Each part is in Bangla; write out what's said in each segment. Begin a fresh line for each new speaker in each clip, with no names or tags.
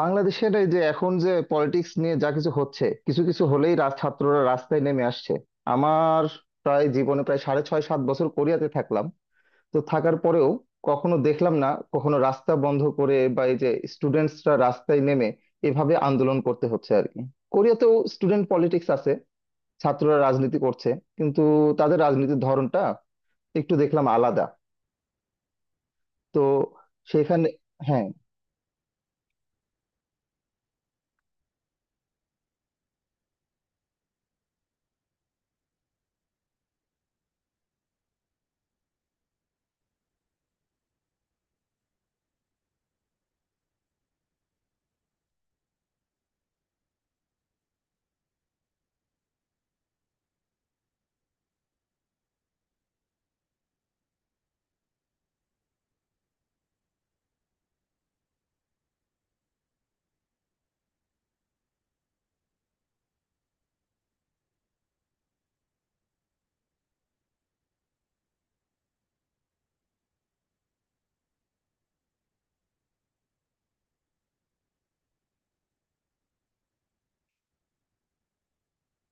বাংলাদেশের এই যে এখন যে পলিটিক্স নিয়ে যা কিছু হচ্ছে, কিছু কিছু হলেই ছাত্ররা রাস্তায় নেমে আসছে। আমার প্রায় জীবনে প্রায় সাড়ে 6-7 বছর কোরিয়াতে থাকলাম। তো থাকার পরেও কখনো দেখলাম না কখনো রাস্তা বন্ধ করে বা এই যে স্টুডেন্টসরা রাস্তায় নেমে এভাবে আন্দোলন করতে হচ্ছে আর কি। কোরিয়াতেও স্টুডেন্ট পলিটিক্স আছে, ছাত্ররা রাজনীতি করছে, কিন্তু তাদের রাজনীতির ধরনটা একটু দেখলাম আলাদা। তো সেখানে হ্যাঁ।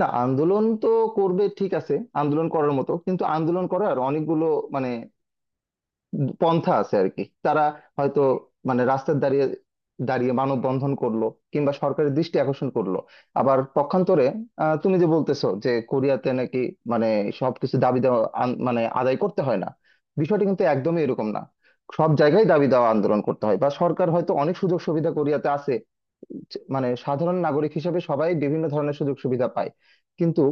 না, আন্দোলন তো করবে ঠিক আছে, আন্দোলন করার মতো, কিন্তু আন্দোলন করার অনেকগুলো মানে পন্থা আছে আর কি। তারা হয়তো মানে রাস্তায় দাঁড়িয়ে দাঁড়িয়ে মানববন্ধন করলো কিংবা সরকারের দৃষ্টি আকর্ষণ করলো। আবার পক্ষান্তরে, তুমি যে বলতেছো যে কোরিয়াতে নাকি মানে সবকিছু দাবি দেওয়া মানে আদায় করতে হয় না, বিষয়টা কিন্তু একদমই এরকম না। সব জায়গায় দাবি দেওয়া আন্দোলন করতে হয়, বা সরকার হয়তো অনেক সুযোগ সুবিধা কোরিয়াতে আছে, মানে সাধারণ নাগরিক হিসেবে সবাই বিভিন্ন ধরনের সুযোগ সুবিধা পায়। কিন্তু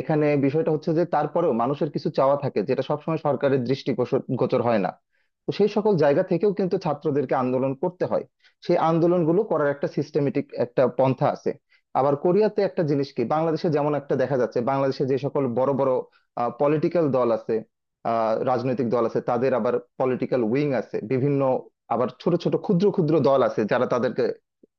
এখানে বিষয়টা হচ্ছে যে তারপরেও মানুষের কিছু চাওয়া থাকে যেটা সবসময় সরকারের দৃষ্টি গোচর হয় না। তো সেই সকল জায়গা থেকেও কিন্তু ছাত্রদেরকে আন্দোলন করতে হয়, সেই আন্দোলনগুলো করার একটা সিস্টেমেটিক একটা পন্থা আছে। আবার কোরিয়াতে একটা জিনিস কি, বাংলাদেশে যেমন একটা দেখা যাচ্ছে, বাংলাদেশে যে সকল বড় বড় পলিটিক্যাল দল আছে, রাজনৈতিক দল আছে, তাদের আবার পলিটিক্যাল উইং আছে বিভিন্ন, আবার ছোট ছোট ক্ষুদ্র ক্ষুদ্র দল আছে যারা তাদেরকে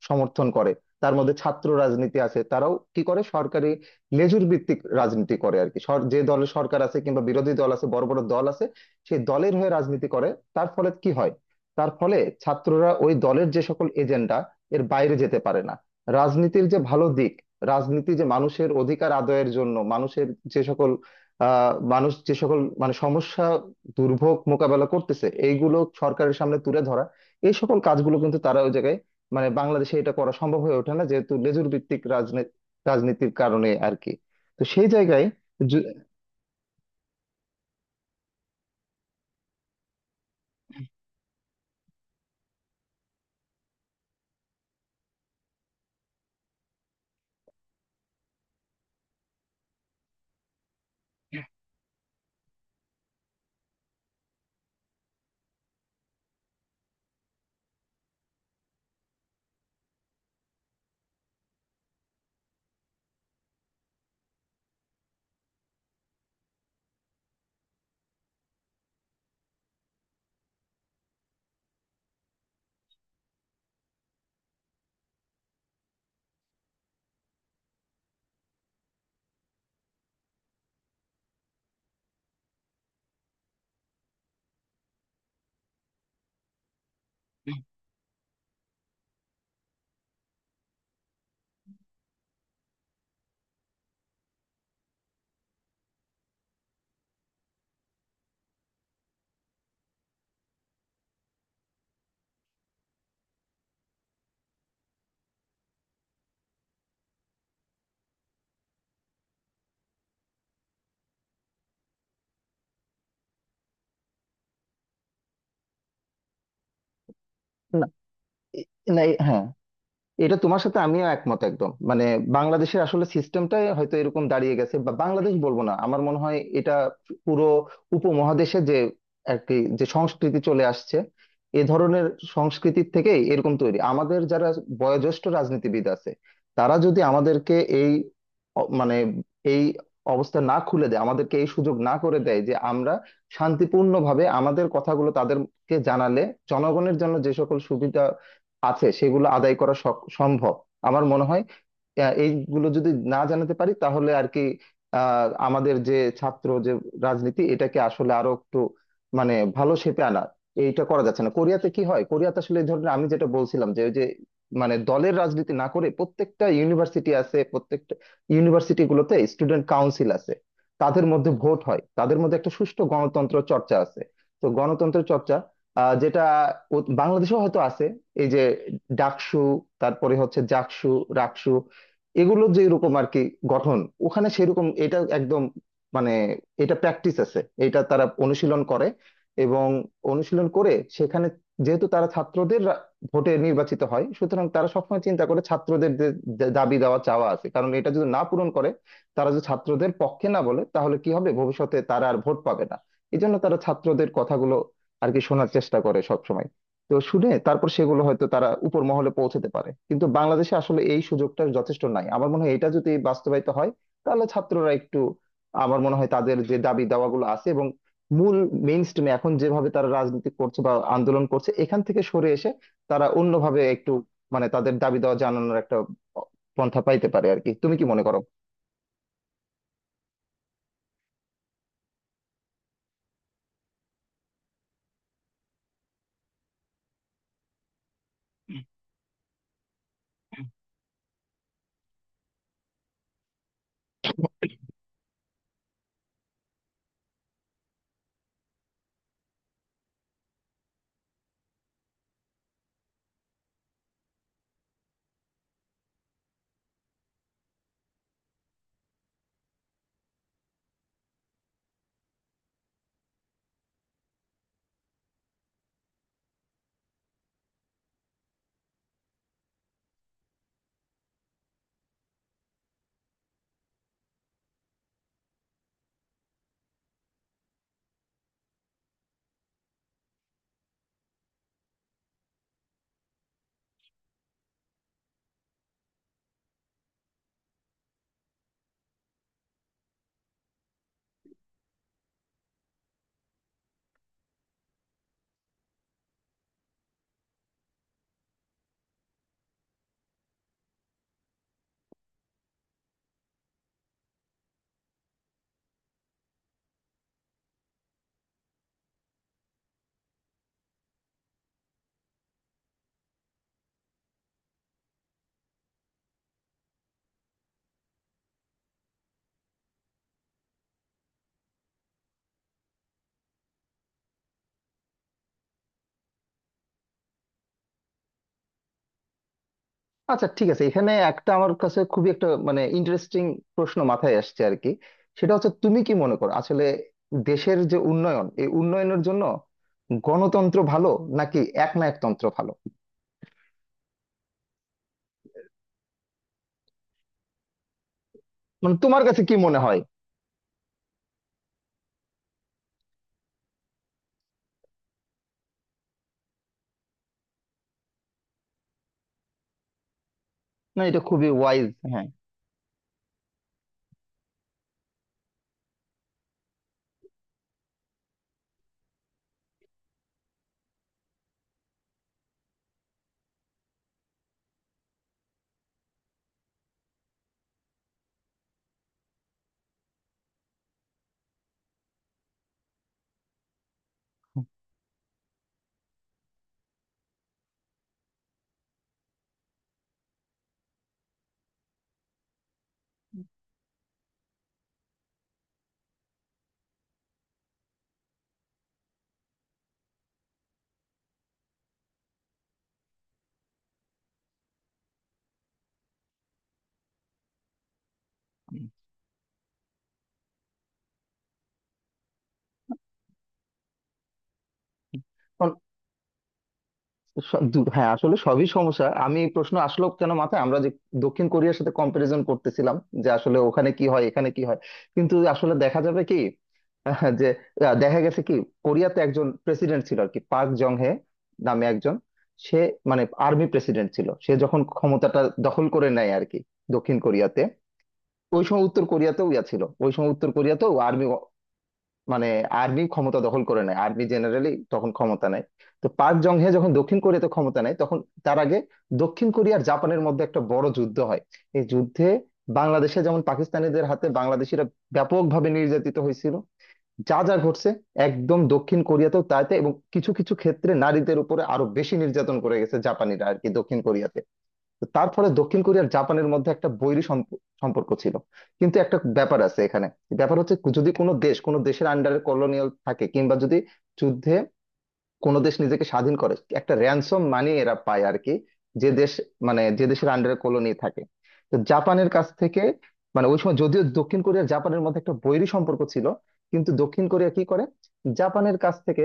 সমর্থন করে। তার মধ্যে ছাত্র রাজনীতি আছে, তারাও কি করে, সরকারি লেজুর ভিত্তিক রাজনীতি করে আর কি। যে দলের সরকার আছে কিংবা বিরোধী দল আছে, বড় বড় দল আছে, সেই দলের হয়ে রাজনীতি করে। তার ফলে কি হয়, তার ফলে ছাত্ররা ওই দলের যে সকল এজেন্ডা, এর বাইরে যেতে পারে না। রাজনীতির যে ভালো দিক, রাজনীতি যে মানুষের অধিকার আদায়ের জন্য, মানুষের যে সকল মানুষ যে সকল মানে সমস্যা দুর্ভোগ মোকাবেলা করতেছে এইগুলো সরকারের সামনে তুলে ধরা, এই সকল কাজগুলো কিন্তু তারা ওই জায়গায় মানে বাংলাদেশে এটা করা সম্ভব হয়ে ওঠে না, যেহেতু লেজুর ভিত্তিক রাজনীতি রাজনীতির কারণে আর কি। তো সেই জায়গায় জু- না এ- না, হ্যাঁ, এটা তোমার সাথে আমিও একমত একদম। মানে বাংলাদেশের আসলে সিস্টেমটাই হয়তো এরকম দাঁড়িয়ে গেছে, বা বাংলাদেশ বলবো না, আমার মনে হয় এটা পুরো উপমহাদেশে যে আর কি যে সংস্কৃতি চলে আসছে, এ ধরনের সংস্কৃতির থেকেই এরকম তৈরি। আমাদের যারা বয়োজ্যেষ্ঠ রাজনীতিবিদ আছে, তারা যদি আমাদেরকে এই মানে এই অবস্থা না খুলে দেয়, আমাদেরকে এই সুযোগ না করে দেয় যে আমরা শান্তিপূর্ণভাবে আমাদের কথাগুলো তাদেরকে জানালে জনগণের জন্য যে সকল সুবিধা আছে সেগুলো আদায় করা সম্ভব, আমার মনে হয়। এইগুলো যদি না জানাতে পারি তাহলে আর কি আমাদের যে ছাত্র যে রাজনীতি, এটাকে আসলে আরো একটু মানে ভালো শেপে আনা, এইটা করা যাচ্ছে না। কোরিয়াতে কি হয়, কোরিয়াতে আসলে এই ধরনের আমি যেটা বলছিলাম যে ওই যে মানে দলের রাজনীতি না করে প্রত্যেকটা ইউনিভার্সিটি আছে, প্রত্যেকটা ইউনিভার্সিটি গুলোতে স্টুডেন্ট কাউন্সিল আছে, তাদের মধ্যে ভোট হয়, তাদের মধ্যে একটা সুষ্ঠু গণতন্ত্র চর্চা আছে। তো গণতন্ত্র চর্চা যেটা বাংলাদেশেও হয়তো আছে, এই যে ডাকসু, তারপরে হচ্ছে জাকসু, রাকসু, এগুলো যে এরকম আর কি গঠন। ওখানে সেরকম এটা একদম মানে এটা প্র্যাকটিস আছে, এটা তারা অনুশীলন করে, এবং অনুশীলন করে সেখানে, যেহেতু তারা ছাত্রদের ভোটে নির্বাচিত হয়, সুতরাং তারা সবসময় চিন্তা করে ছাত্রদের যে যে দাবি দেওয়া চাওয়া আছে, কারণ এটা যদি না পূরণ করে, তারা যদি ছাত্রদের পক্ষে না বলে তাহলে কি হবে, ভবিষ্যতে তারা আর ভোট পাবে না। এই জন্য তারা ছাত্রদের কথাগুলো আর কি শোনার চেষ্টা করে সবসময়। তো শুনে তারপর সেগুলো হয়তো তারা উপর মহলে পৌঁছাতে পারে। কিন্তু বাংলাদেশে আসলে এই সুযোগটা যথেষ্ট নাই। আমার মনে হয় এটা যদি বাস্তবায়িত হয় তাহলে ছাত্ররা একটু, আমার মনে হয়, তাদের যে দাবি দাওয়াগুলো আছে এবং মূল মেইন স্ট্রিমে এখন যেভাবে তারা রাজনীতি করছে বা আন্দোলন করছে এখান থেকে সরে এসে তারা অন্যভাবে একটু মানে তাদের দাবি দাওয়া জানানোর একটা পন্থা পাইতে পারে আর কি। তুমি কি মনে করো? আচ্ছা ঠিক আছে, এখানে একটা আমার কাছে খুবই একটা মানে ইন্টারেস্টিং প্রশ্ন মাথায় আসছে আর কি। সেটা হচ্ছে তুমি কি মনে করো আসলে দেশের যে উন্নয়ন, এই উন্নয়নের জন্য গণতন্ত্র ভালো নাকি একনায়কতন্ত্র ভালো? মানে তোমার কাছে কি মনে হয়? না, এটা খুবই ওয়াইজ। হ্যাঁ, হ্যাঁ, আসলে সবই সমস্যা। আমি এই প্রশ্ন আসলো কেন মাথায়, আমরা যে দক্ষিণ কোরিয়ার সাথে কম্পারিজন করতেছিলাম, যে আসলে ওখানে কি হয় এখানে কি হয়। কিন্তু আসলে দেখা যাবে কি যে দেখা গেছে কি, কোরিয়াতে একজন প্রেসিডেন্ট ছিল আর কি, পার্ক জং হে নামে একজন। সে মানে আর্মি প্রেসিডেন্ট ছিল, সে যখন ক্ষমতাটা দখল করে নেয় আর কি দক্ষিণ কোরিয়াতে, ওই সময় উত্তর কোরিয়াতেও ছিল, ওই সময় উত্তর কোরিয়াতেও আর্মি মানে আর্মি ক্ষমতা দখল করে নেয়, আর্মি জেনারেলি তখন ক্ষমতা নেয়। তো পার্ক জং হে যখন দক্ষিণ কোরিয়াতে ক্ষমতা নেয় তখন, তার আগে দক্ষিণ কোরিয়া আর জাপানের মধ্যে একটা বড় যুদ্ধ হয়। এই যুদ্ধে, বাংলাদেশে যেমন পাকিস্তানিদের হাতে বাংলাদেশিরা ব্যাপকভাবে নির্যাতিত হয়েছিল, যা যা ঘটছে একদম দক্ষিণ কোরিয়াতেও তাইতে, এবং কিছু কিছু ক্ষেত্রে নারীদের উপরে আরো বেশি নির্যাতন করে গেছে জাপানিরা আর কি দক্ষিণ কোরিয়াতে। তো তারপরে দক্ষিণ কোরিয়ার জাপানের মধ্যে একটা বৈরী সম্পর্ক ছিল। কিন্তু একটা ব্যাপার আছে এখানে। ব্যাপার হচ্ছে যদি কোনো দেশ কোনো দেশের আন্ডারে কলোনিয়াল থাকে, কিংবা যদি যুদ্ধে কোনো দেশ নিজেকে স্বাধীন করে, একটা র্যানসম মানি এরা পায় আর কি, যে দেশ মানে যে দেশের আন্ডারে কলোনি থাকে। তো জাপানের কাছ থেকে মানে ওই সময় যদিও দক্ষিণ কোরিয়া আর জাপানের মধ্যে একটা বৈরী সম্পর্ক ছিল, কিন্তু দক্ষিণ কোরিয়া কি করে, জাপানের কাছ থেকে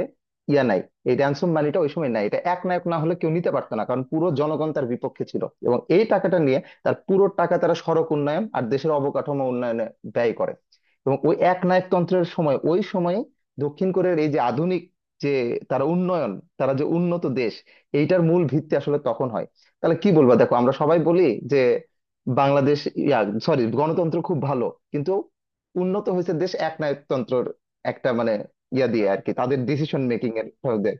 নাই এই র্যানসম মানিটা ওই সময় নাই। এটা এক নায়ক না হলে কেউ নিতে পারতো না, কারণ পুরো জনগণ তার বিপক্ষে ছিল। এবং এই টাকাটা নিয়ে তার পুরো টাকা তারা সড়ক উন্নয়ন আর দেশের অবকাঠামো উন্নয়নে ব্যয় করে। এবং ওই এক নায়কতন্ত্রের সময়, ওই সময়ে দক্ষিণ কোরিয়ার এই যে আধুনিক যে তারা উন্নয়ন, তারা যে উন্নত দেশ, এইটার মূল ভিত্তি আসলে তখন হয়। তাহলে কি বলবো, দেখো আমরা সবাই বলি যে বাংলাদেশ ইয়া সরি গণতন্ত্র খুব ভালো, কিন্তু উন্নত হয়েছে দেশ একনায়কতন্ত্রর একটা মানে দিয়ে আর কি, তাদের ডিসিশন মেকিং এর ফলে।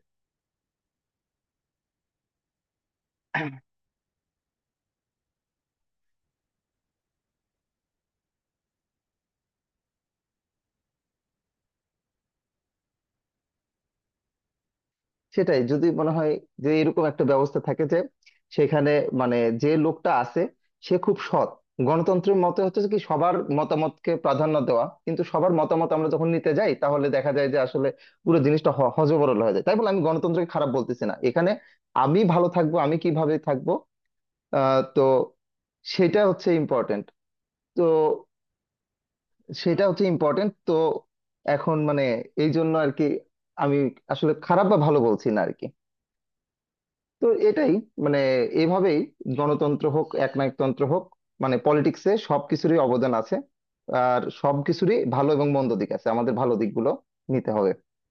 সেটাই যদি মনে হয় যে এরকম একটা ব্যবস্থা থাকে, যে সেখানে মানে যে লোকটা আছে সে খুব সৎ। গণতন্ত্রের মতে হচ্ছে কি সবার মতামতকে প্রাধান্য দেওয়া, কিন্তু সবার মতামত আমরা যখন নিতে যাই তাহলে দেখা যায় যে আসলে পুরো জিনিসটা হযবরল হয়ে যায়। তাই বলে আমি গণতন্ত্রকে খারাপ বলতেছি না এখানে। আমি ভালো থাকবো, আমি কিভাবে থাকবো, তো সেটা হচ্ছে ইম্পর্টেন্ট। তো তো এখন মানে এই জন্য আর কি আমি আসলে খারাপ বা ভালো বলছি না আর কি। তো এটাই মানে এভাবেই গণতন্ত্র হোক একনায়কতন্ত্র হোক, মানে পলিটিক্সে সবকিছুরই অবদান আছে, আর সবকিছুরই ভালো এবং মন্দ দিক আছে। আমাদের ভালো দিকগুলো নিতে হবে।